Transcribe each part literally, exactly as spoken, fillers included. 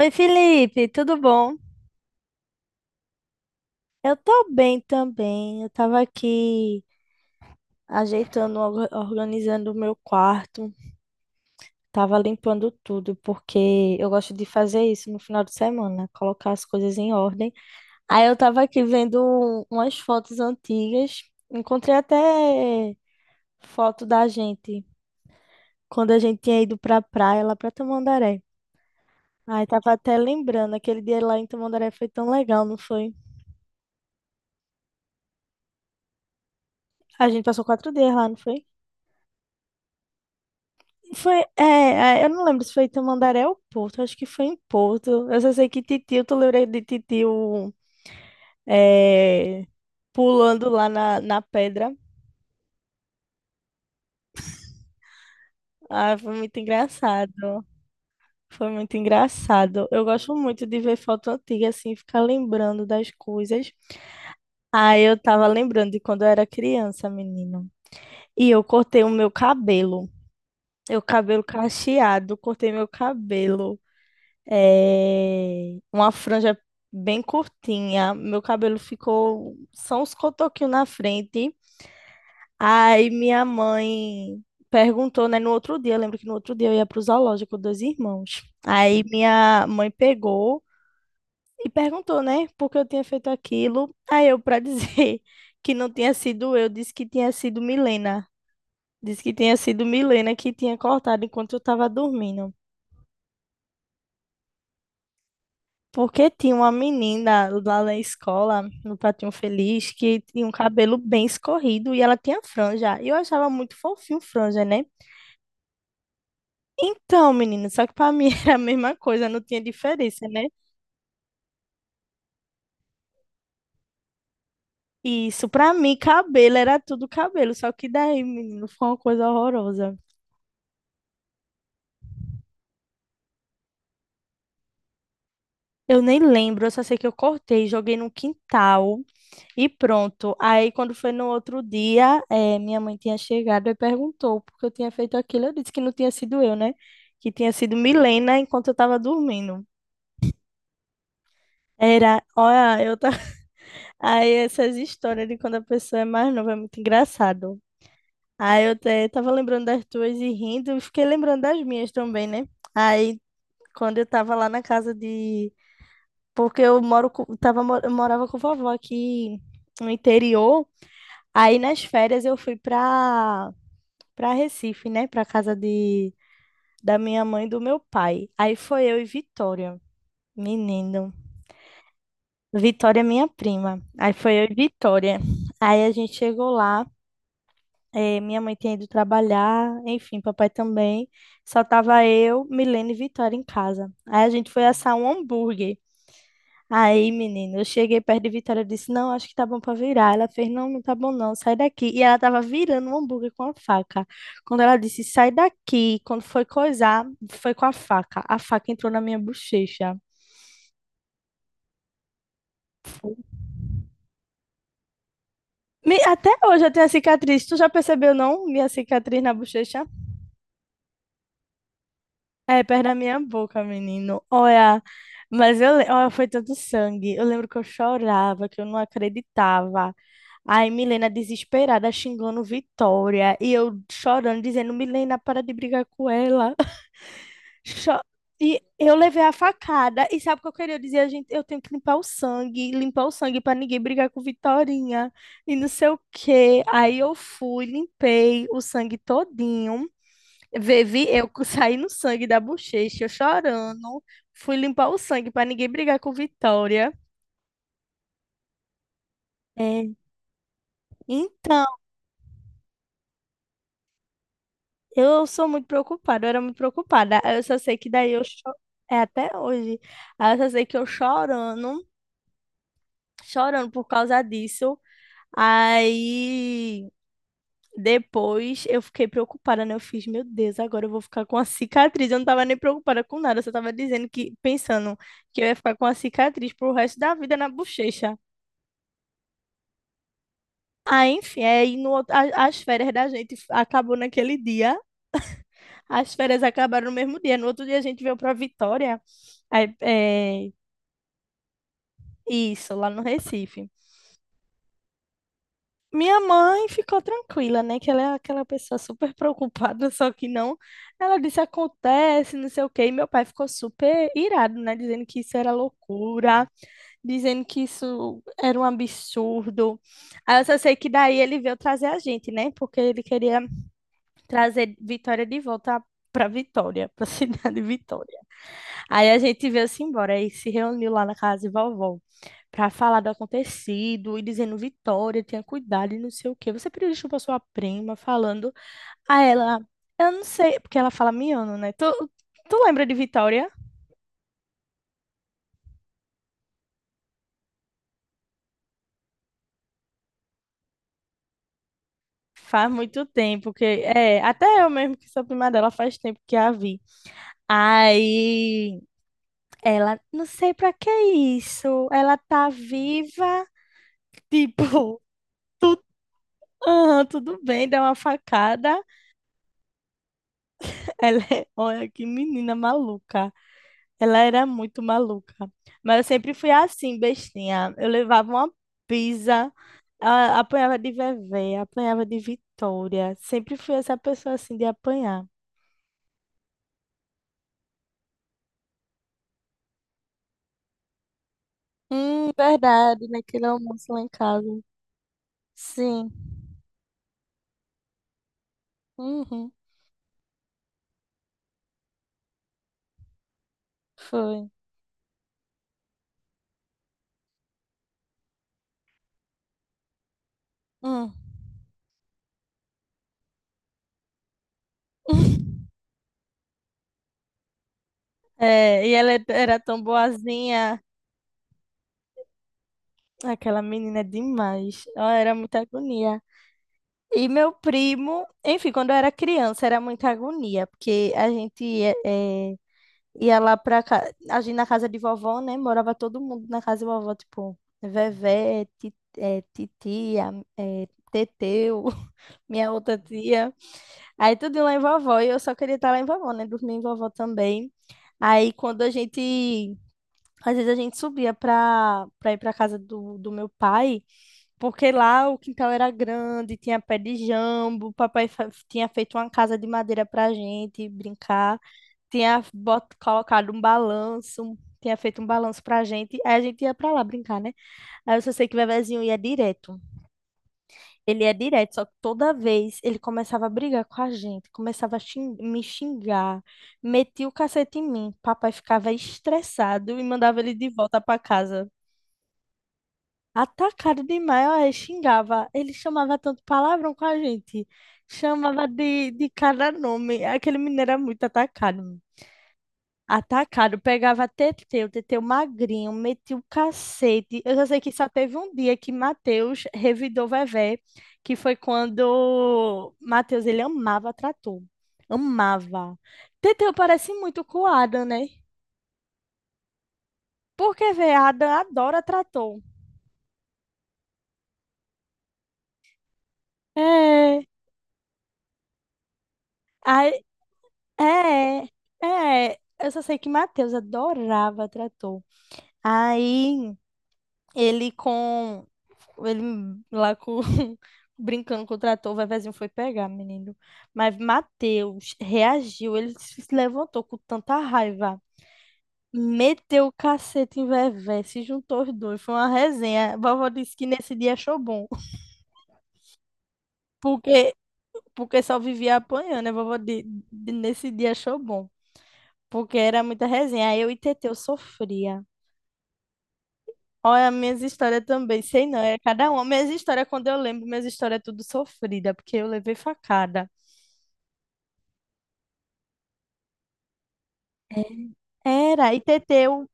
Oi, Felipe, tudo bom? Eu tô bem também. Eu tava aqui ajeitando, orga- organizando o meu quarto. Tava limpando tudo, porque eu gosto de fazer isso no final de semana, colocar as coisas em ordem. Aí eu tava aqui vendo um, umas fotos antigas. Encontrei até foto da gente, quando a gente tinha ido pra praia lá pra Tamandaré. Aí tava até lembrando, aquele dia lá em Tamandaré foi tão legal, não foi? A gente passou quatro dias lá, não foi? Foi, é, é, eu não lembro se foi em Tamandaré ou Porto, acho que foi em Porto. Eu só sei que Titio, tu lembra de Titio é, pulando lá na, na pedra? Ah, foi muito engraçado. Foi muito engraçado. Eu gosto muito de ver foto antiga, assim, ficar lembrando das coisas. Aí eu tava lembrando de quando eu era criança, menino. E eu cortei o meu cabelo. Eu cabelo cacheado, cortei meu cabelo. É, uma franja bem curtinha. Meu cabelo ficou só uns cotoquinhos na frente. Aí minha mãe perguntou, né, no outro dia, eu lembro que no outro dia eu ia pro zoológico com dois irmãos. Aí minha mãe pegou e perguntou, né, por que eu tinha feito aquilo. Aí eu, pra dizer que não tinha sido eu, disse que tinha sido Milena. Disse que tinha sido Milena que tinha cortado enquanto eu tava dormindo. Porque tinha uma menina lá na escola, no Pratinho Feliz, que tinha um cabelo bem escorrido e ela tinha franja. E eu achava muito fofinho franja, né? Então, menina, só que pra mim era a mesma coisa, não tinha diferença, né? E isso, pra mim, cabelo era tudo cabelo, só que daí, menino, foi uma coisa horrorosa. Eu nem lembro, eu só sei que eu cortei, joguei no quintal. E pronto. Aí, quando foi no outro dia, eh, minha mãe tinha chegado e perguntou por que eu tinha feito aquilo. Eu disse que não tinha sido eu, né? Que tinha sido Milena enquanto eu estava dormindo. Era, olha, eu tava... Aí, essas histórias de quando a pessoa é mais nova é muito engraçado. Aí, eu te- tava lembrando das tuas e rindo, e fiquei lembrando das minhas também, né? Aí, quando eu tava lá na casa de. Porque eu moro com... tava... mo- eu morava com vovó aqui no interior. Aí nas férias eu fui pra para Recife, né? Para casa de da minha mãe e do meu pai. Aí foi eu e Vitória, menino. Vitória é minha prima. Aí foi eu e Vitória. Aí a gente chegou lá, eh, minha mãe tinha ido trabalhar, enfim, papai também. Só tava eu, Milene e Vitória em casa. Aí a gente foi assar um hambúrguer. Aí, menina, eu cheguei perto de Vitória e disse: Não, acho que tá bom pra virar. Ela fez: Não, não tá bom não, sai daqui. E ela tava virando um hambúrguer com a faca. Quando ela disse: Sai daqui, quando foi coisar, foi com a faca. A faca entrou na minha bochecha. Me- Até hoje eu tenho a cicatriz. Tu já percebeu, não? Minha cicatriz na bochecha? É, perto da minha boca, menino. Olha, mas eu, le- olha, foi tanto sangue. Eu lembro que eu chorava, que eu não acreditava. Aí Milena desesperada xingando Vitória e eu chorando, dizendo: Milena, para de brigar com ela. Cho- E eu levei a facada. E sabe o que eu queria dizer? A gente, eu tenho que limpar o sangue, limpar o sangue para ninguém brigar com Vitorinha e não sei o quê. Aí eu fui, limpei o sangue todinho. Vivi, eu co- saí no sangue da bochecha, eu chorando. Fui limpar o sangue para ninguém brigar com Vitória. É, então, eu sou muito preocupada, eu era muito preocupada. Aí eu só sei que daí eu cho- é até hoje. Aí eu só sei que eu chorando, chorando por causa disso. Aí depois eu fiquei preocupada, né? Eu fiz, meu Deus, agora eu vou ficar com a cicatriz. Eu não tava nem preocupada com nada, eu só tava dizendo que pensando que eu ia ficar com a cicatriz pro resto da vida na bochecha. Ah, enfim, aí no, outro- a- as férias da gente f- acabou naquele dia, as férias acabaram no mesmo dia. No outro dia a gente veio para Vitória, aí, é, isso, lá no Recife. Minha mãe ficou tranquila, né? Que ela é aquela pessoa super preocupada, só que não. Ela disse, acontece, não sei o quê. E meu pai ficou super irado, né? Dizendo que isso era loucura, dizendo que isso era um absurdo. Aí eu só sei que daí ele veio trazer a gente, né? Porque ele queria trazer Vitória de volta para Vitória, para a cidade de Vitória. Aí a gente veio-se embora e se reuniu lá na casa de vovó para falar do acontecido e dizendo: Vitória, tenha cuidado e não sei o quê. Você pediu desculpa à sua prima, falando a ela. Eu não sei, porque ela fala miano, né? Tu, tu lembra de Vitória? Faz muito tempo que. É, até eu mesmo que sou prima dela, faz tempo que a vi. Aí ela, não sei pra que isso. Ela tá viva. Tipo, Tu- aham, tudo bem, dá uma facada. Ela é, olha que menina maluca. Ela era muito maluca. Mas eu sempre fui assim, bestinha. Eu levava uma pisa, a- apanhava de Vevé, apanhava de Vitória. Sempre fui essa pessoa assim de apanhar. Hum, verdade, naquele almoço lá em casa. Sim. Uhum, foi. Hum. É, e ela era tão boazinha. Aquela menina é demais. Ela era muita agonia. E meu primo, enfim, quando eu era criança era muita agonia, porque a gente ia, eh, ia lá pra casa, a gente na casa de vovó, né? Morava todo mundo na casa de vovó, tipo, Vevé, ti- eh, titia, eh, Teteu, minha outra tia. Aí tudo lá em vovó, e eu só queria estar lá em vovó, né? Dormir em vovó também. Aí quando a gente, às vezes a gente subia pra, pra ir pra casa do, do meu pai, porque lá o quintal era grande, tinha pé de jambo, o papai fa- tinha feito uma casa de madeira pra gente brincar, tinha bot colocado um balanço, tinha feito um balanço pra gente, aí a gente ia pra lá brincar, né? Aí eu só sei que o Vevezinho ia direto. Ele ia direto, só que toda vez ele começava a brigar com a gente, começava a xin- me xingar, metia o cacete em mim. Papai ficava estressado e mandava ele de volta pra casa. Atacado demais, olha, xingava. Ele chamava tanto palavrão com a gente. Chamava de, de cada nome. Aquele menino era muito atacado. Atacado, pegava Teteu, Teteu magrinho, metia o cacete. Eu já sei que só teve um dia que Matheus revidou Vevé, que foi quando Matheus, ele amava trator. Amava. Teteu parece muito com o Adam, né? Porque, vê, Adam adora trator. É. Aí É, é. Eu só sei que Matheus adorava trator. Aí ele com ele lá com brincando com o trator, o vevezinho foi pegar, menino. Mas Matheus reagiu, ele se levantou com tanta raiva. Meteu o cacete em Vevé, se juntou os dois, foi uma resenha. A vovó disse que nesse dia achou bom, porque, porque só vivia apanhando. A vovó de, de- nesse dia achou bom, porque era muita resenha. Aí eu e Teteu sofria. Olha, minhas histórias também, sei não, é cada uma. Minhas histórias, quando eu lembro, minhas histórias é tudo sofrida, porque eu levei facada. Era, e Teteu,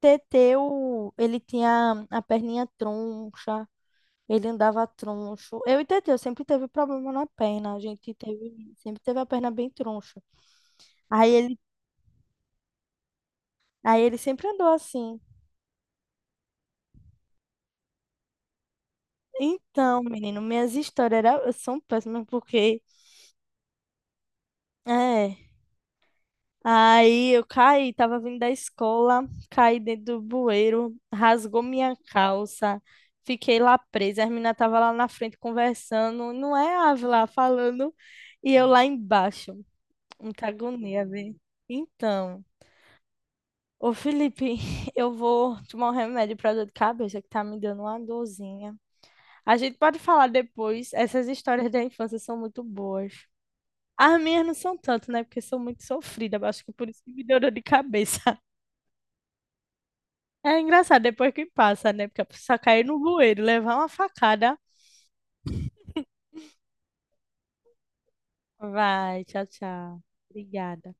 Teteu, ele tinha a perninha troncha, ele andava troncho. Eu e Teteu sempre teve problema na perna, a gente teve, sempre teve a perna bem troncha. Aí ele, aí ele sempre andou assim. Então, menino, minhas histórias era, são péssimas, porque... É. Aí eu caí, tava vindo da escola, caí dentro do bueiro, rasgou minha calça, fiquei lá presa. As meninas estavam lá na frente conversando, não é Ave lá falando, e eu lá embaixo. Muita agonia, velho. Então, ô Felipe, eu vou tomar um remédio pra dor de cabeça que tá me dando uma dorzinha. A gente pode falar depois, essas histórias da infância são muito boas. As minhas não são tanto, né? Porque sou muito sofrida, acho que por isso que me deu dor de cabeça. É engraçado depois que passa, né? Porque a pessoa cair no bueiro, levar uma facada. Vai, tchau, tchau. Obrigada.